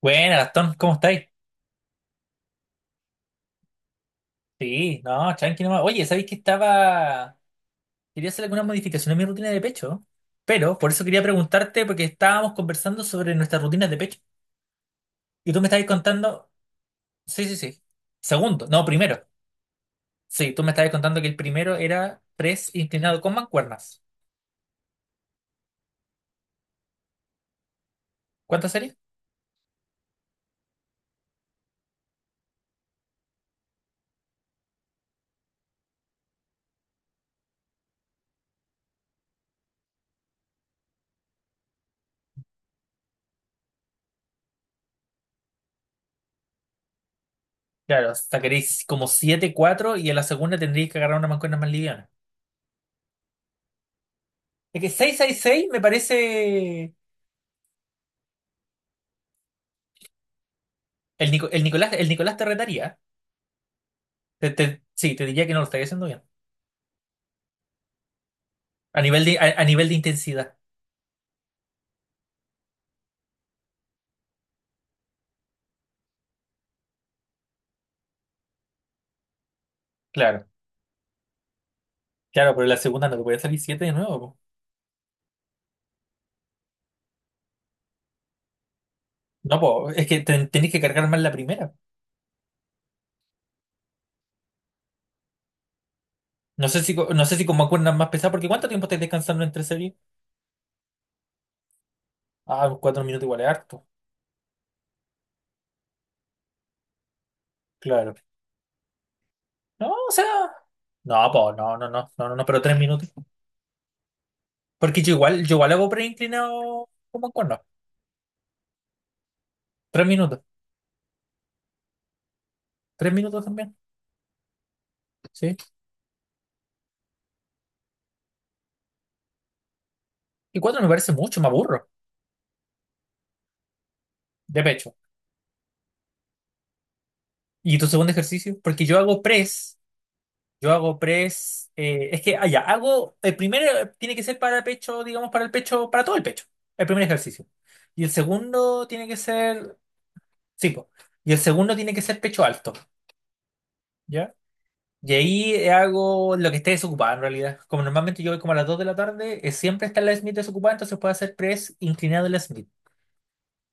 Bueno, Gastón, ¿cómo estáis? Sí, no, tranqui nomás. Oye, ¿sabéis que estaba? Quería hacer alguna modificación a mi rutina de pecho, pero por eso quería preguntarte, porque estábamos conversando sobre nuestras rutinas de pecho. Y tú me estabas contando. Sí, sí, sí. Segundo, no, primero. Sí, tú me estabas contando que el primero era press inclinado con mancuernas. ¿Cuántas sería? Claro, sacaréis como 7 4 y en la segunda tendríais que agarrar una mancuerna más liviana. Es que seis seis seis me parece. El Nicolás te retaría. Sí, te diría que no lo estaría haciendo bien. A nivel de intensidad. Claro, claro, pero la segunda no te puede salir 7 de nuevo, po. No, po, es que tenés que cargar más la primera. No sé si como acuerdas más pesado, porque ¿cuánto tiempo estás descansando entre series? Ah, 4 minutos igual es harto. Claro. No, o sea. No, po, no, no, no, no, no, no, pero tres minutos. Porque yo igual hago preinclinado como cuerno. 3 minutos. 3 minutos también. Sí. Y cuatro me parece mucho, me aburro. De pecho. ¿Y tu segundo ejercicio? Porque yo hago press. Yo hago press, es que, ah, ya, el primero tiene que ser para pecho, digamos, para el pecho, para todo el pecho, el primer ejercicio. Y el segundo tiene que ser, sí, po, y el segundo tiene que ser pecho alto, ¿ya? Y ahí hago lo que esté desocupado en realidad. Como normalmente yo voy como a las 2 de la tarde, siempre está la Smith desocupada, entonces puedo hacer press inclinado en la Smith.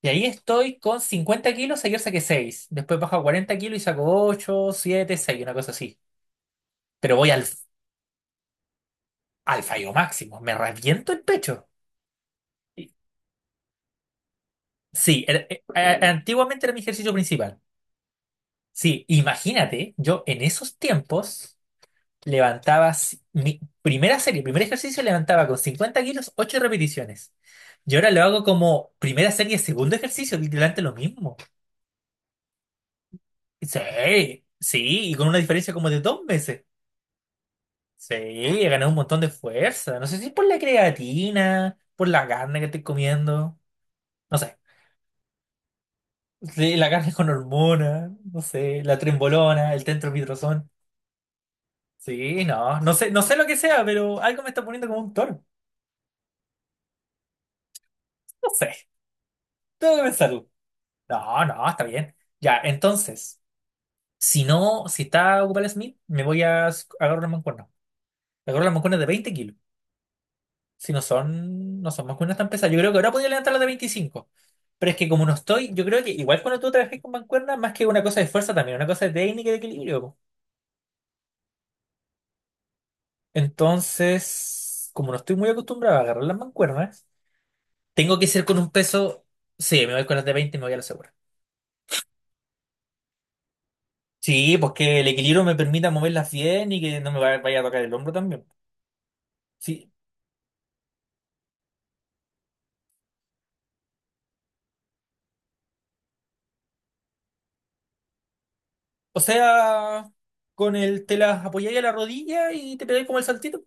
Y ahí estoy con 50 kilos, ayer saqué 6 después bajo a 40 kilos y saco 8, 7, 6, una cosa así. Pero voy al fallo máximo, me reviento el pecho. Sí, antiguamente era mi ejercicio principal. Sí, imagínate, yo en esos tiempos mi primera serie, primer ejercicio levantaba con 50 kilos, 8 repeticiones. Y ahora lo hago como primera serie, segundo ejercicio, literalmente lo mismo. Sí, sí, y con una diferencia como de 2 meses. Sí, he ganado un montón de fuerza. No sé si es por la creatina, por la carne que estoy comiendo, no sé. Sí, la carne con hormonas, no sé, la trembolona, el tentropidrazón. Sí, no, no sé lo que sea, pero algo me está poniendo como un toro. No sé, tengo que pensarlo. No, no, está bien. Ya, entonces, si no, si está ocupado el Smith, me voy a agarrar una mancuerna. Me agarro las mancuernas de 20 kilos. Si no son mancuernas tan pesadas. Yo creo que ahora podría levantar las de 25. Pero es que como no estoy, yo creo que igual cuando tú trabajas con mancuernas, más que una cosa de fuerza también, una cosa de técnica y de equilibrio, po. Entonces, como no estoy muy acostumbrado a agarrar las mancuernas, tengo que ser con un peso. Sí, me voy con las de 20 y me voy a la segura. Sí, pues que el equilibrio me permita moverlas bien y que no me vaya a tocar el hombro también. Sí, o sea, con el te las apoyáis a la rodilla y te pegáis como el saltito.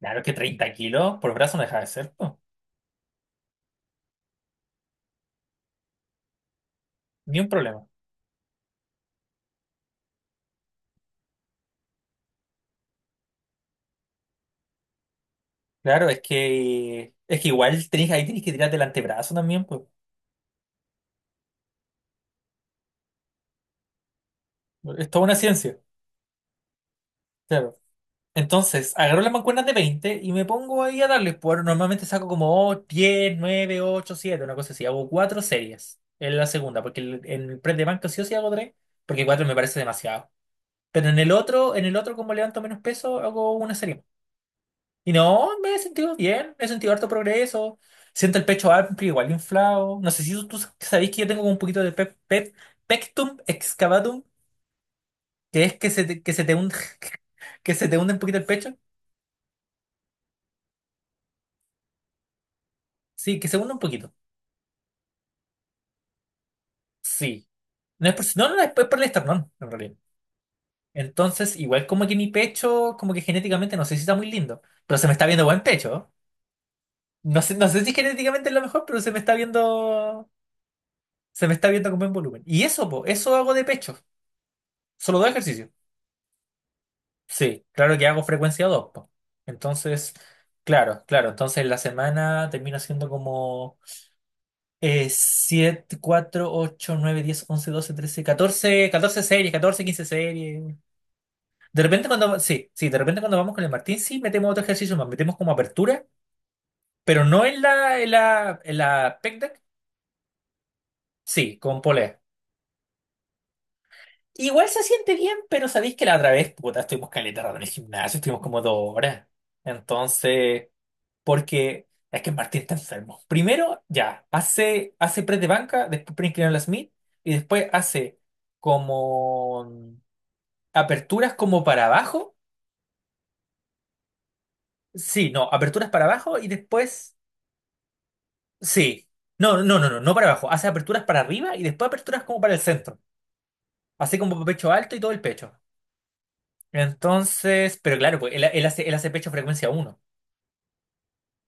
Claro, es que 30 kilos por brazo no deja de ser, pues. Ni un problema. Claro, es que igual tenés, ahí tenés que tirarte el antebrazo también, pues. Es toda una ciencia. Claro. Entonces, agarro las mancuernas de 20 y me pongo ahí a darle. Normalmente saco como oh, 10, 9, 8, 7, una cosa así. Hago cuatro series en la segunda, porque en el press de banca sí o sí hago tres, porque cuatro me parece demasiado. Pero en el otro, como levanto menos peso, hago una serie más. Y no, me he sentido bien, he sentido harto progreso. Siento el pecho amplio, igual inflado. No sé si tú sabéis que yo tengo como un poquito de pectum excavatum, que es que se te hunde, que se te hunde un poquito el pecho. Sí, que se hunde un poquito. Sí. No es por, no, no, no, es por el esternón, en realidad. Entonces, igual como que mi pecho, como que genéticamente, no sé si está muy lindo, pero se me está viendo buen pecho. No sé si genéticamente es lo mejor, pero se me está viendo con buen volumen. Y eso, po, eso hago de pecho. Solo dos ejercicios. Sí, claro que hago frecuencia dos, po. Entonces, claro, claro. Entonces, la semana termino haciendo como 7, 4, 8, 9, 10, 11, 12, 13, 14 14 series, 14 15 series. De repente cuando, sí, sí, de repente cuando vamos con el Martín, sí metemos otro ejercicio más, metemos como apertura, pero no en la pec deck, sí, con polea. Igual se siente bien, pero sabéis que la otra vez, puta, estuvimos caleta rato en el gimnasio, estuvimos como 2 horas. Entonces, porque es que Martín está enfermo. Primero, ya, hace press de banca, después pre inclinado en la Smith, y después hace como aperturas como para abajo. Sí, no, aperturas para abajo y después. Sí. No, no, no, no, no para abajo. Hace aperturas para arriba y después aperturas como para el centro. Así como pecho alto y todo el pecho. Entonces, pero claro, pues él hace pecho frecuencia uno.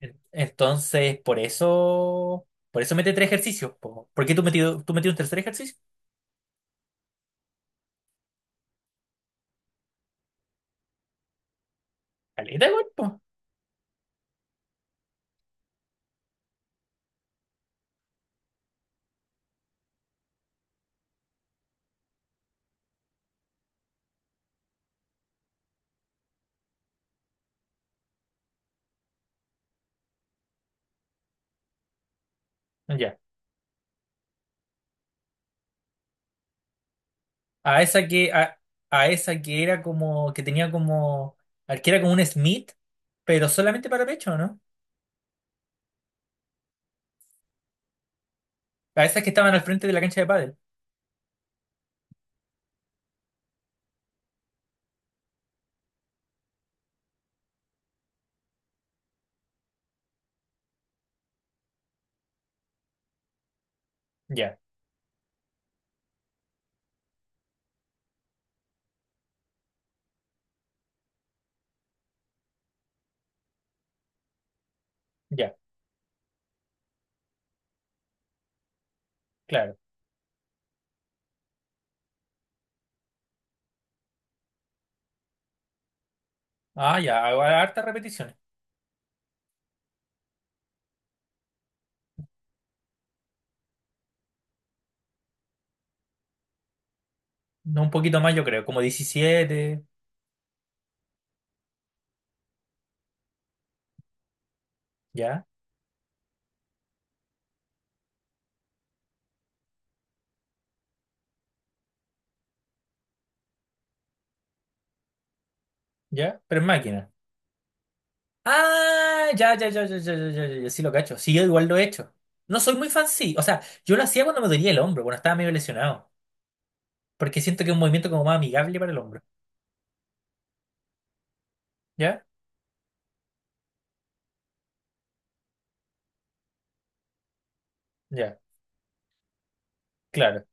Entonces, por eso mete tres ejercicios, po. ¿Por qué tú metido un tercer ejercicio? Caleta igual, po. Ya. A esa que, a, a esa que era como, que tenía como, al que era como un Smith, pero solamente para pecho, ¿no? A esas que estaban al frente de la cancha de pádel. Ya, ya, claro. Ah, ya, hago hartas repeticiones. No, un poquito más, yo creo, como 17. Ya, ya, pero es máquina. Ah, ya, ya, ya, ya, ya, ya, ya, ya, ya, sí lo cacho. Sí, yo igual lo he hecho. No soy muy fan, sí. O sea, yo lo hacía cuando me dolía el hombro, cuando estaba medio lesionado. Porque siento que es un movimiento como más amigable para el hombro. ¿Ya? Ya, claro.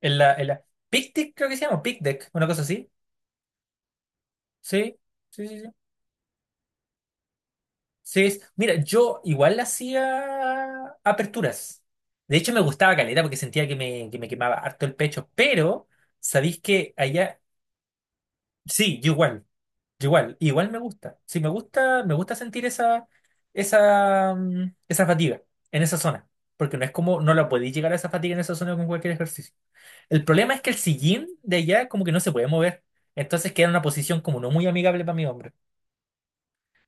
Pick deck creo que se llama, pick deck, una cosa así. Sí, sí, sí, sí. Sí, Mira, yo igual hacía aperturas. De hecho, me gustaba caleta porque sentía que me quemaba harto el pecho, pero. ¿Sabéis que allá? Sí, igual me gusta. Sí, me gusta sentir esa fatiga en esa zona. Porque no es como, no la podéis llegar a esa fatiga en esa zona con cualquier ejercicio. El problema es que el sillín de allá como que no se puede mover. Entonces queda en una posición como no muy amigable para mi hombro.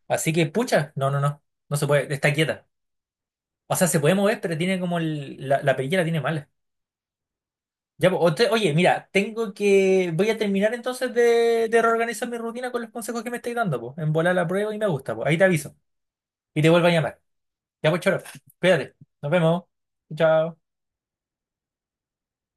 Así que, pucha, no, no, no, no se puede, está quieta. O sea, se puede mover, pero tiene como la perilla la tiene mala. Ya, po, oye, mira, tengo que. Voy a terminar entonces de reorganizar mi rutina con los consejos que me estáis dando, pues. En volar la prueba y me gusta, pues. Ahí te aviso. Y te vuelvo a llamar. Ya, pues, choro. Cuídate. Nos vemos. Chao.